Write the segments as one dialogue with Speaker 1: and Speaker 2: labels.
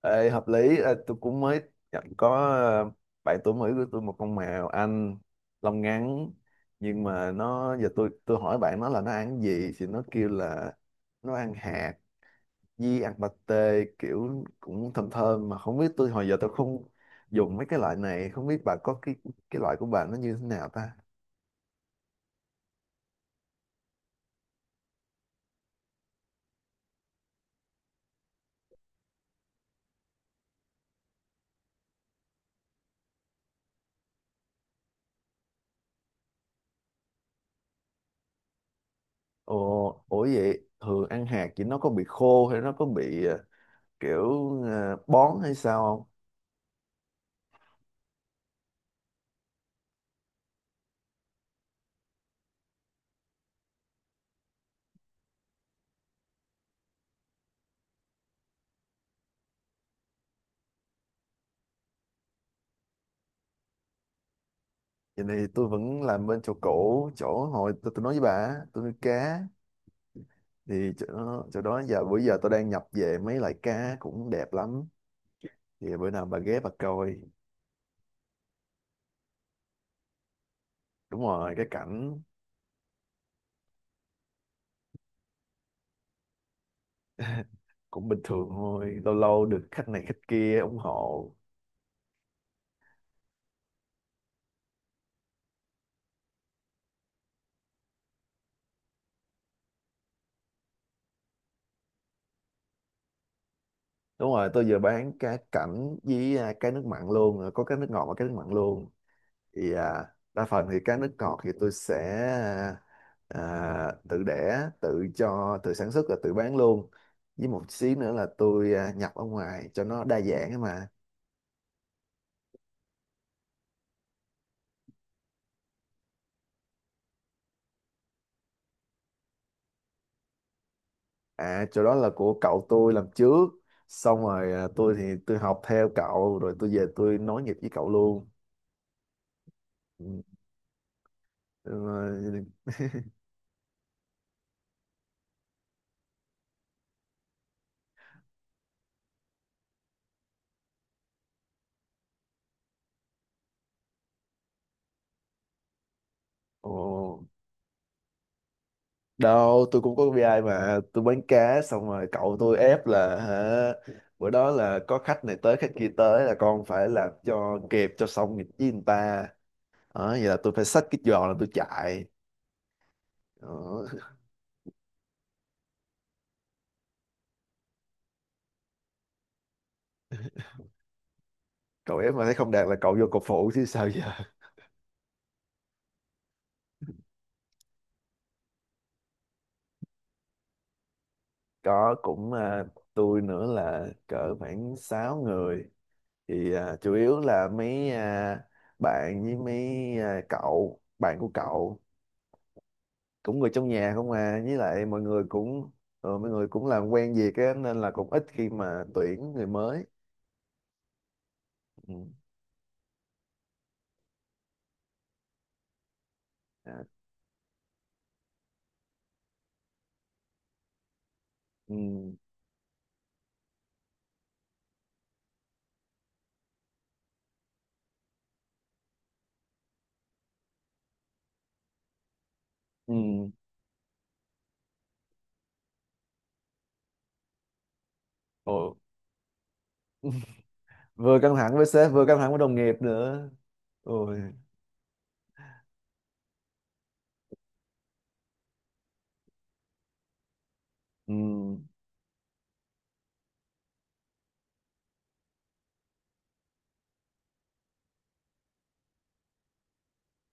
Speaker 1: Ê, hợp lý. Ờ, tôi cũng mới nhận có ờ, bạn tuổi mới của tôi một con mèo anh lông ngắn, nhưng mà nó giờ tôi hỏi bạn nó là nó ăn gì thì nó kêu là nó ăn hạt với ăn pate kiểu cũng thơm thơm, mà không biết tôi hồi giờ tôi không dùng mấy cái loại này, không biết bà có cái loại của bà nó như thế nào ta. Ồ, ủa vậy thường ăn hạt thì nó có bị khô hay nó có bị kiểu bón hay sao? Vậy thì tôi vẫn làm bên chỗ cũ, chỗ hồi tôi nói với bà á, tôi nuôi cá. Thì chỗ đó giờ bữa giờ tôi đang nhập về mấy loại cá cũng đẹp lắm, thì bữa nào bà ghé bà coi. Đúng rồi, cái cảnh. Cũng bình thường thôi, lâu lâu được khách này khách kia ủng hộ. Đúng rồi, tôi vừa bán cá cảnh với cá nước mặn luôn, có cá nước ngọt và cá nước mặn luôn. Thì đa phần thì các nước ngọt thì tôi sẽ tự đẻ tự cho, tự sản xuất và tự bán luôn, với một xí nữa là tôi nhập ở ngoài cho nó đa dạng ấy mà. Chỗ đó là của cậu tôi làm trước, xong rồi tôi thì tôi học theo cậu rồi tôi về tôi nối nghiệp với cậu luôn. Ừ, rồi- ồ, đâu, tôi cũng có KPI mà. Tôi bán cá xong rồi cậu tôi ép là, hả, bữa đó là có khách này tới khách kia tới là con phải làm cho kịp cho xong nghịch với người ta. Đó, vậy là tôi phải xách cái giò là tôi chạy đó. Cậu ép mà thấy không đạt là cậu vô cậu phụ chứ sao giờ. Có cũng tôi nữa là cỡ khoảng 6 người. Thì chủ yếu là mấy bạn với mấy cậu bạn của cậu, cũng người trong nhà không à, với lại mọi người cũng mọi người cũng làm quen việc á nên là cũng ít khi mà tuyển người mới. Ừ. À. Ừ. Ừ. Ồ. Vừa căng thẳng với sếp vừa căng thẳng với đồng nghiệp nữa, ôi. Ừ.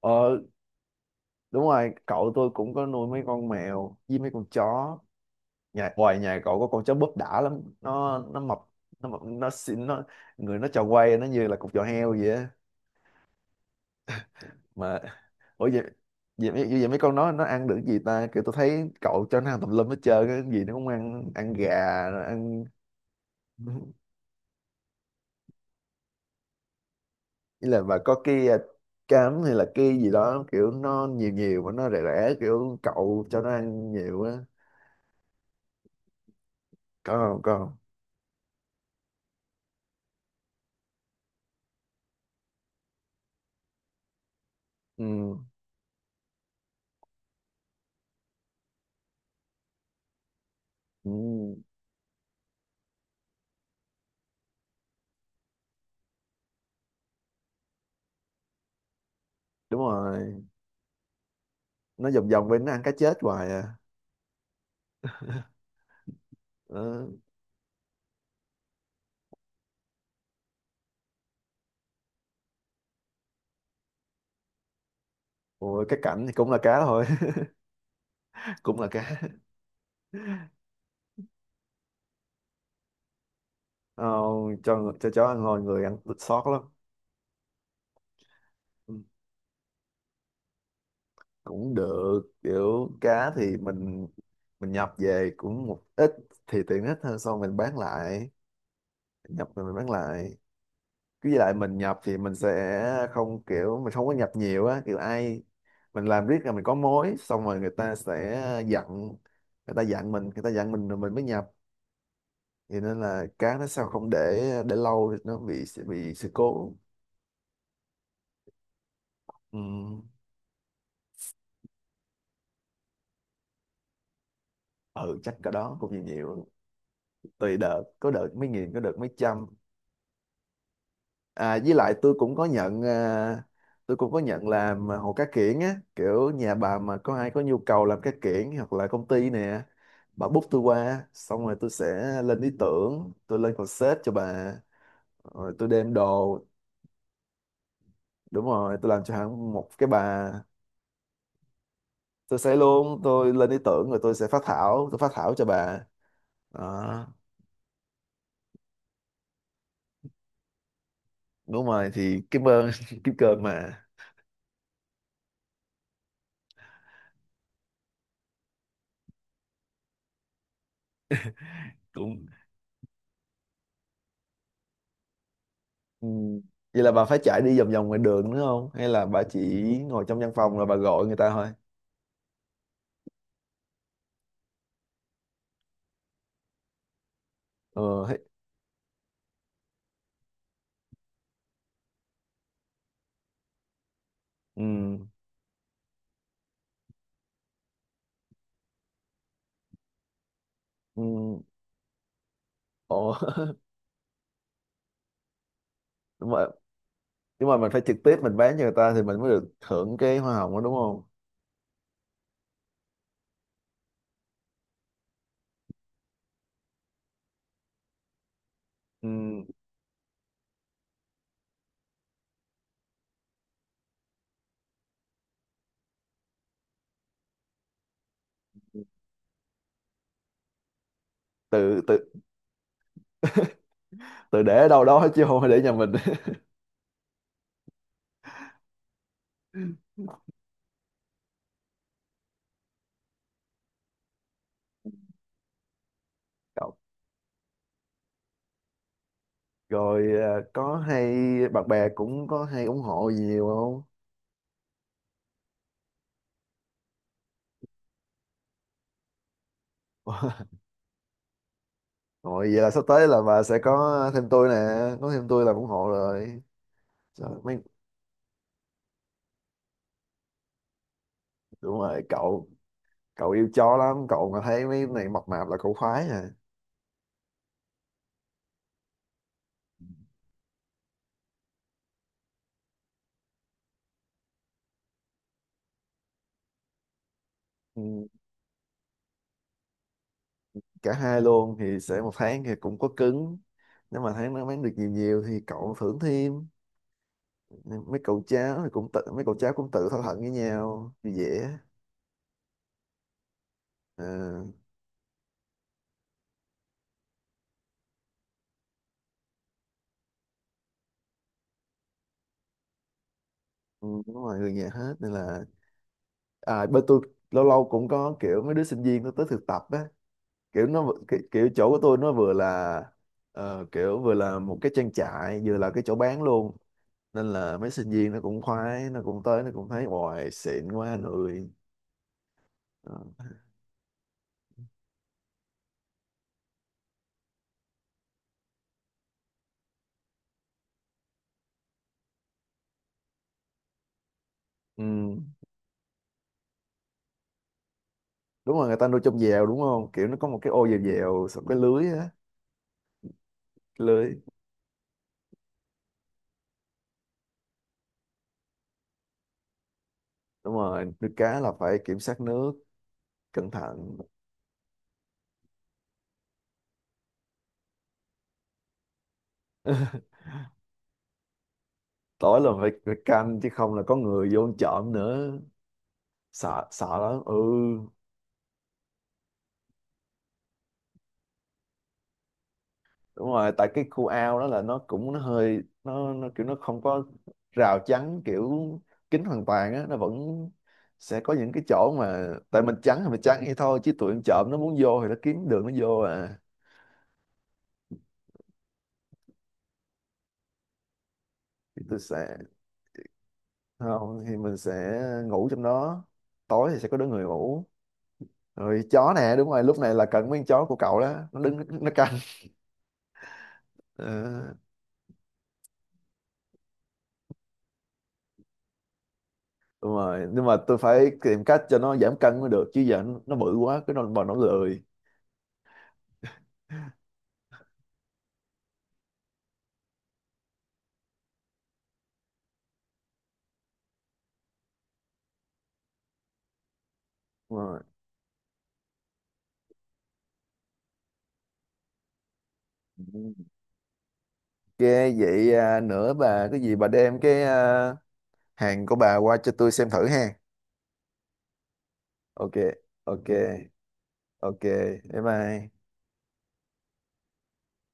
Speaker 1: ờ, Đúng rồi, cậu tôi cũng có nuôi mấy con mèo với mấy con chó. Nhà ngoài nhà cậu có con chó búp đã lắm, nó mập, nó mập nó xinh, nó người nó tròn quay, nó như là cục giò heo vậy á. Mà ủa vậy, vậy mấy con nó ăn được gì ta? Kiểu tôi thấy cậu cho nó ăn tùm lum hết trơn, cái gì nó cũng ăn, ăn gà rồi ăn ý là mà có cái cám hay là cái gì đó kiểu nó nhiều nhiều mà nó rẻ rẻ, kiểu cậu cho nó ăn nhiều á. Có không, có không? Ừ. Ừ, đúng rồi, nó vòng vòng bên nó ăn cá chết hoài à. Ừ. Ủa, cái cảnh thì cũng là cá thôi. Cũng là cá. ờ, cho chó ăn hồi người ăn thịt sót lắm. Ừ. Cũng được, kiểu cá thì mình nhập về cũng một ít thì tiện ích hơn, sau mình bán lại, nhập rồi mình bán lại. Cứ với lại mình nhập thì mình sẽ không, kiểu mình không có nhập nhiều á, kiểu ai mình làm riết là mình có mối xong rồi người ta sẽ dặn, người ta dặn mình, người ta dặn mình rồi mình mới nhập. Thì nên là cá nó sao không để, để lâu thì nó bị sự cố. Ừ. Ừ, chắc cái đó cũng nhiều nhiều, tùy đợt, có đợt mấy nghìn, có đợt mấy trăm. À, với lại tôi cũng có nhận tôi cũng có nhận làm hồ cá kiển á, kiểu nhà bà mà có ai có nhu cầu làm cá kiển hoặc là công ty nè, bà book tôi qua xong rồi tôi sẽ lên ý tưởng, tôi lên concept cho bà, rồi tôi đem đồ. Đúng rồi, tôi làm cho hẳn một cái bà. Tôi sẽ luôn, tôi lên ý tưởng rồi tôi sẽ phát thảo, tôi phát thảo cho bà đó. Đúng rồi thì cảm ơn. Kim cơm mà. Cũng ừ. Vậy là bà phải chạy đi vòng vòng ngoài đường nữa không? Hay là bà chỉ ngồi trong văn phòng rồi bà gọi người ta thôi? Ờ, hết- ừ, ừ, ồ, nhưng mà, nhưng mà mình phải trực tiếp mình bán cho người ta thì mình mới được hưởng cái hoa hồng đó đúng không? Ừ, tự tự tự để ở đâu đó chứ không phải để nhà mình. Cậu- rồi có hay bạn bè cũng có hay ủng hộ gì nhiều không? Rồi vậy là sắp tới là bà sẽ có thêm tôi nè, có thêm tôi là ủng hộ rồi. Trời, mấy đúng rồi, cậu cậu yêu chó lắm, cậu mà thấy mấy này mập mạp là cậu khoái à. Ừ, cả hai luôn, thì sẽ một tháng thì cũng có cứng, nếu mà thấy nó bán được nhiều nhiều thì cậu thưởng thêm. Mấy cậu cháu thì cũng tự, mấy cậu cháu cũng tự thỏa thuận với nhau thì dễ. Ờ, ừ, đúng rồi, người nhà hết nên là bên tôi lâu lâu cũng có kiểu mấy đứa sinh viên nó tới thực tập á, kiểu chỗ của tôi nó vừa là kiểu vừa là một cái trang trại vừa là cái chỗ bán luôn, nên là mấy sinh viên nó cũng khoái, nó cũng tới, nó cũng thấy hoài xịn quá người. Ờ. Ừ. Đúng rồi, người ta nuôi trong dèo đúng không, kiểu nó có một cái ô dèo dèo xong cái lưới á. Cái lưới. Đúng rồi, nuôi cá là phải kiểm soát nước cẩn thận. Tối là phải phải canh, chứ không là có người vô ăn trộm nữa. Sợ sợ lắm, ừ. Đúng rồi, tại cái khu ao đó là nó cũng nó hơi nó kiểu nó không có rào chắn kiểu kín hoàn toàn á, nó vẫn sẽ có những cái chỗ mà tại mình chắn thì mình chắn vậy thôi, chứ tụi em trộm nó muốn vô thì nó kiếm đường nó vô à. Thì tôi sẽ không, thì mình sẽ ngủ trong đó, tối thì sẽ có đứa người ngủ, rồi chó nè, đúng rồi lúc này là cần mấy con chó của cậu đó, nó đứng nó canh. Ờ, đúng rồi, nhưng mà tôi phải tìm cách cho nó giảm cân mới được, chứ giờ nó bự quá cái nó bọn nó lười. Đúng rồi. Cái vậy à, nữa bà cái gì bà đem cái hàng của bà qua cho tôi xem thử ha. Ok, ok, ok. Bye bye.